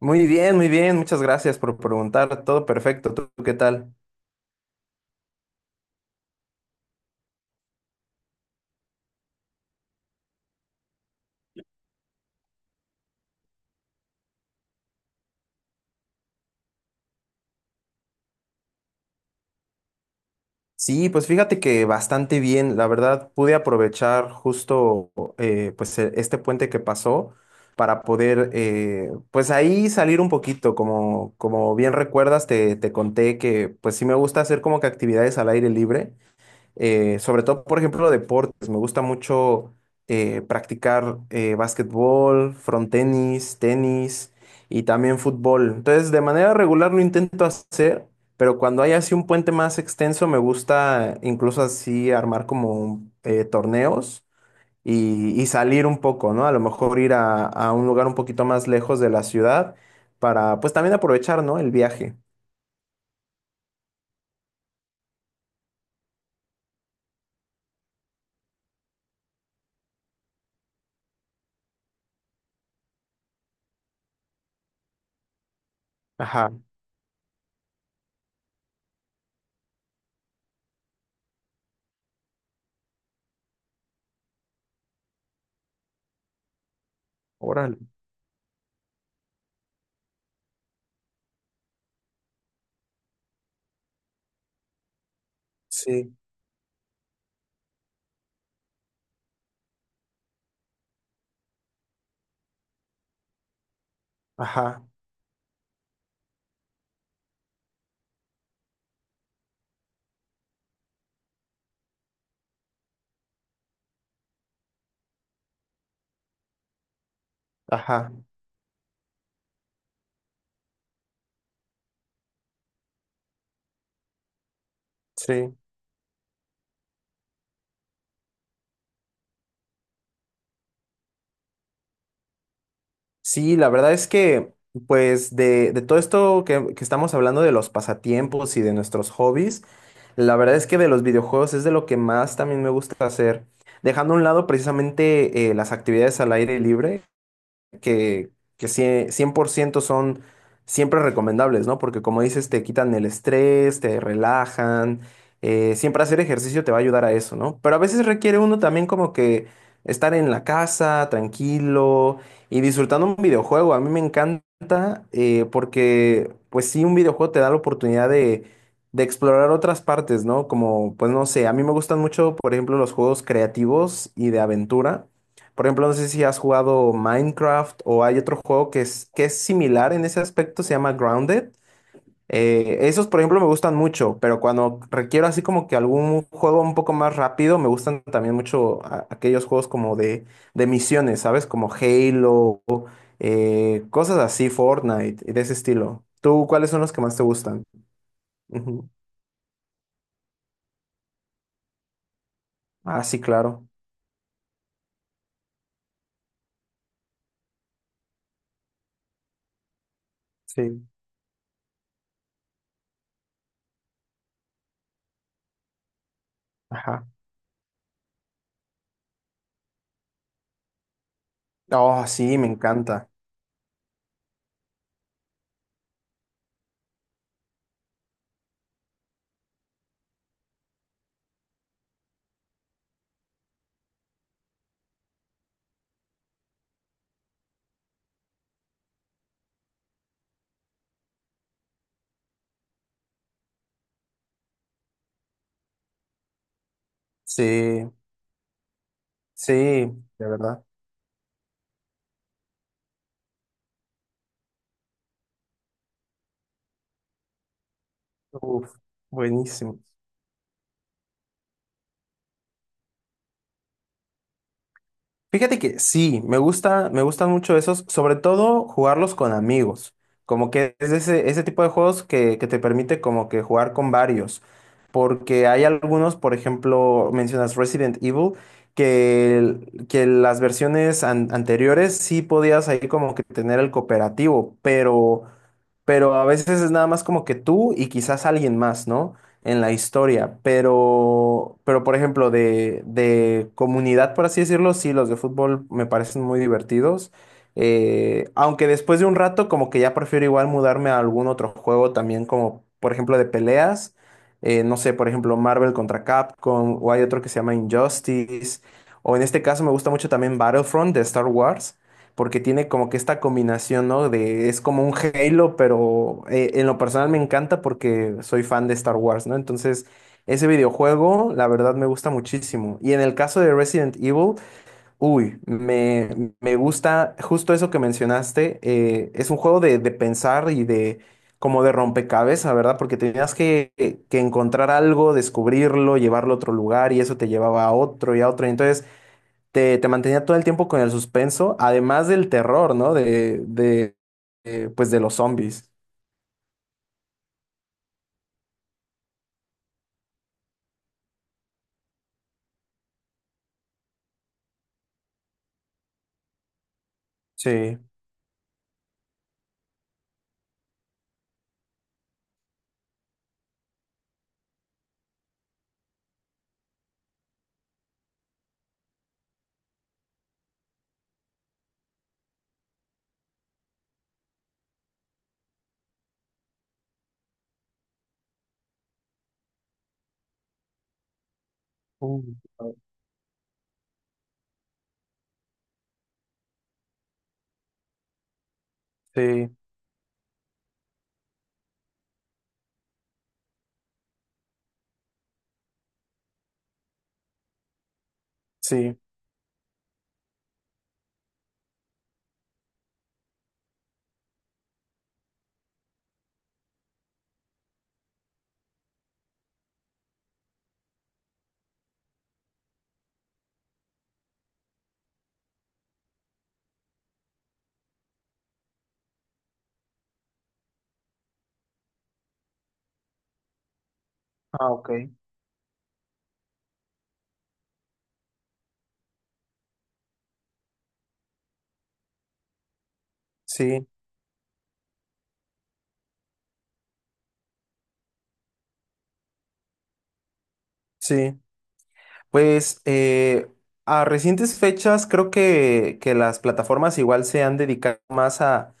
Muy bien, muchas gracias por preguntar, todo perfecto, ¿tú qué tal? Sí, pues fíjate que bastante bien, la verdad pude aprovechar justo pues este puente que pasó para poder pues ahí salir un poquito, como, como bien recuerdas te conté que pues sí me gusta hacer como que actividades al aire libre, sobre todo, por ejemplo, deportes. Me gusta mucho practicar básquetbol, frontenis, tenis y también fútbol. Entonces, de manera regular lo intento hacer, pero cuando hay así un puente más extenso, me gusta incluso así armar como torneos y salir un poco, ¿no? A lo mejor ir a un lugar un poquito más lejos de la ciudad para, pues también aprovechar, ¿no? El viaje. Ajá, órale. Sí, ajá, ajá, sí. Sí, la verdad es pues, de todo esto que estamos hablando de los pasatiempos y de nuestros hobbies, la verdad es que de los videojuegos es de lo que más también me gusta hacer. Dejando a un lado precisamente las actividades al aire libre, que, que 100% son siempre recomendables, ¿no? Porque como dices, te quitan el estrés, te relajan, siempre hacer ejercicio te va a ayudar a eso, ¿no? Pero a veces requiere uno también como que estar en la casa, tranquilo y disfrutando un videojuego. A mí me encanta porque, pues sí, un videojuego te da la oportunidad de explorar otras partes, ¿no? Como, pues no sé, a mí me gustan mucho, por ejemplo, los juegos creativos y de aventura. Por ejemplo, no sé si has jugado Minecraft o hay otro juego que es similar en ese aspecto, se llama Grounded. Esos, por ejemplo, me gustan mucho, pero cuando requiero así como que algún juego un poco más rápido, me gustan también mucho aquellos juegos como de misiones, ¿sabes? Como Halo, cosas así, Fortnite, y de ese estilo. ¿Tú cuáles son los que más te gustan? Ujú. Ah, sí, claro. Sí. Ajá. Oh, sí, me encanta. Sí, sí, de verdad. Uf, buenísimo. Fíjate que sí, me gusta, me gustan mucho esos, sobre todo jugarlos con amigos. Como que es ese, ese tipo de juegos que te permite como que jugar con varios. Porque hay algunos, por ejemplo, mencionas Resident Evil, que, que las versiones anteriores sí podías ahí como que tener el cooperativo, pero a veces es nada más como que tú y quizás alguien más, ¿no? En la historia, pero por ejemplo, de comunidad, por así decirlo, sí, los de fútbol me parecen muy divertidos, aunque después de un rato como que ya prefiero igual mudarme a algún otro juego también, como por ejemplo de peleas, no sé, por ejemplo, Marvel contra Capcom, o hay otro que se llama Injustice, o en este caso me gusta mucho también Battlefront de Star Wars porque tiene como que esta combinación, ¿no? De, es como un Halo, pero en lo personal me encanta porque soy fan de Star Wars, ¿no? Entonces, ese videojuego, la verdad, me gusta muchísimo. Y en el caso de Resident Evil, uy, me gusta justo eso que mencionaste. Es un juego de pensar y de como de rompecabezas, ¿verdad? Porque tenías que encontrar algo, descubrirlo, llevarlo a otro lugar y eso te llevaba a otro y a otro. Entonces, te mantenía todo el tiempo con el suspenso, además del terror, ¿no? De, pues de los zombies. Sí, uh, ah, sí, sí, ah, ok. Sí, sí. Pues a recientes fechas creo que las plataformas igual se han dedicado más a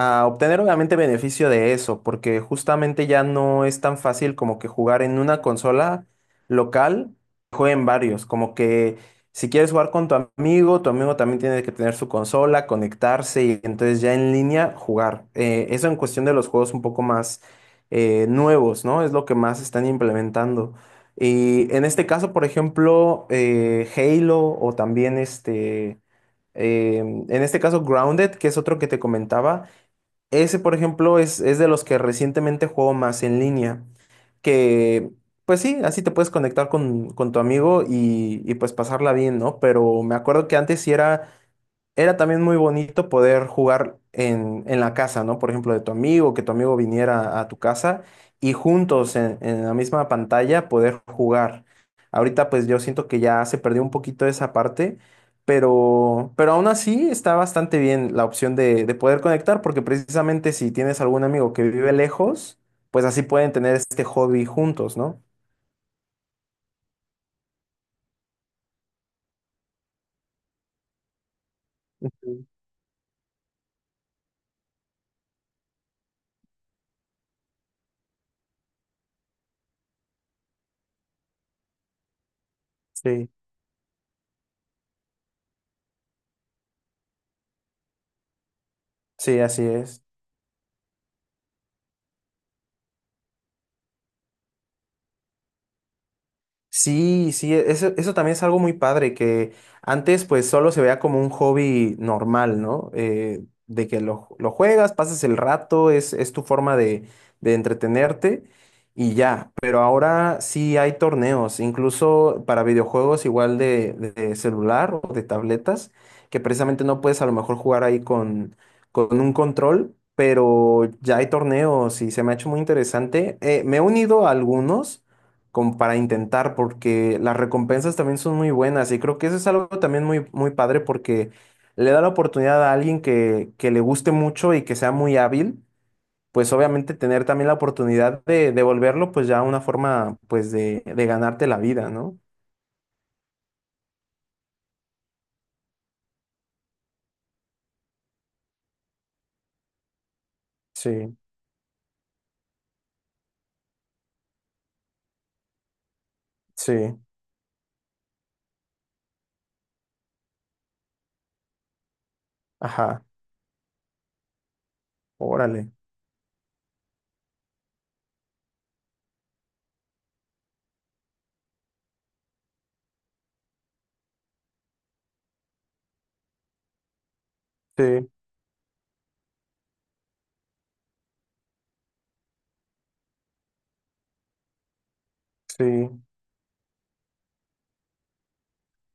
a obtener obviamente beneficio de eso, porque justamente ya no es tan fácil como que jugar en una consola local, jueguen varios, como que si quieres jugar con tu amigo también tiene que tener su consola, conectarse y entonces ya en línea jugar. Eso en cuestión de los juegos un poco más nuevos, ¿no? Es lo que más están implementando. Y en este caso, por ejemplo, Halo o también este, en este caso Grounded, que es otro que te comentaba, ese, por ejemplo, es de los que recientemente juego más en línea, que pues sí, así te puedes conectar con tu amigo y pues pasarla bien, ¿no? Pero me acuerdo que antes sí era también muy bonito poder jugar en la casa, ¿no? Por ejemplo, de tu amigo, que tu amigo viniera a tu casa y juntos en la misma pantalla poder jugar. Ahorita pues yo siento que ya se perdió un poquito esa parte, pero aún así está bastante bien la opción de poder conectar, porque precisamente si tienes algún amigo que vive lejos, pues así pueden tener este hobby juntos, ¿no? Ujú, sí. Sí, así es. Sí, sí, eso también es algo muy padre, que antes pues solo se veía como un hobby normal, ¿no? De que lo juegas, pasas el rato, es tu forma de entretenerte y ya, pero ahora sí hay torneos, incluso para videojuegos igual de celular o de tabletas, que precisamente no puedes a lo mejor jugar ahí con un control, pero ya hay torneos y se me ha hecho muy interesante. Me he unido a algunos como para intentar, porque las recompensas también son muy buenas y creo que eso es algo también muy, muy padre porque le da la oportunidad a alguien que le guste mucho y que sea muy hábil, pues obviamente tener también la oportunidad de devolverlo, pues ya una forma pues de ganarte la vida, ¿no? Sí, sí, ajá, órale, sí, sí.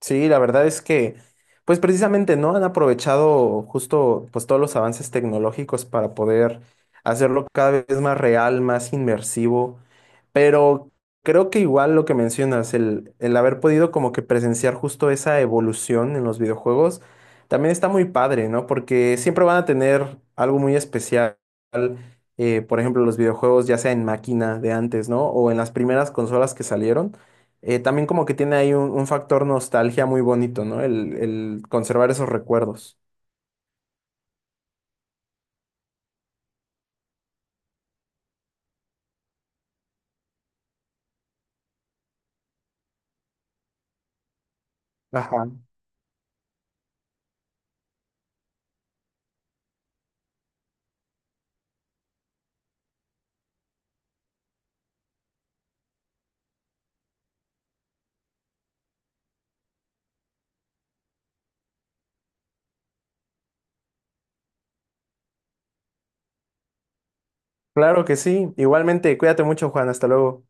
Sí, la verdad es que, pues precisamente, ¿no? Han aprovechado justo, pues todos los avances tecnológicos para poder hacerlo cada vez más real, más inmersivo, pero creo que igual lo que mencionas, el haber podido como que presenciar justo esa evolución en los videojuegos, también está muy padre, ¿no? Porque siempre van a tener algo muy especial, por ejemplo, los videojuegos ya sea en máquina de antes, ¿no? O en las primeras consolas que salieron también como que tiene ahí un factor nostalgia muy bonito, ¿no? El conservar esos recuerdos. Ajá. Claro que sí. Igualmente, cuídate mucho, Juan. Hasta luego.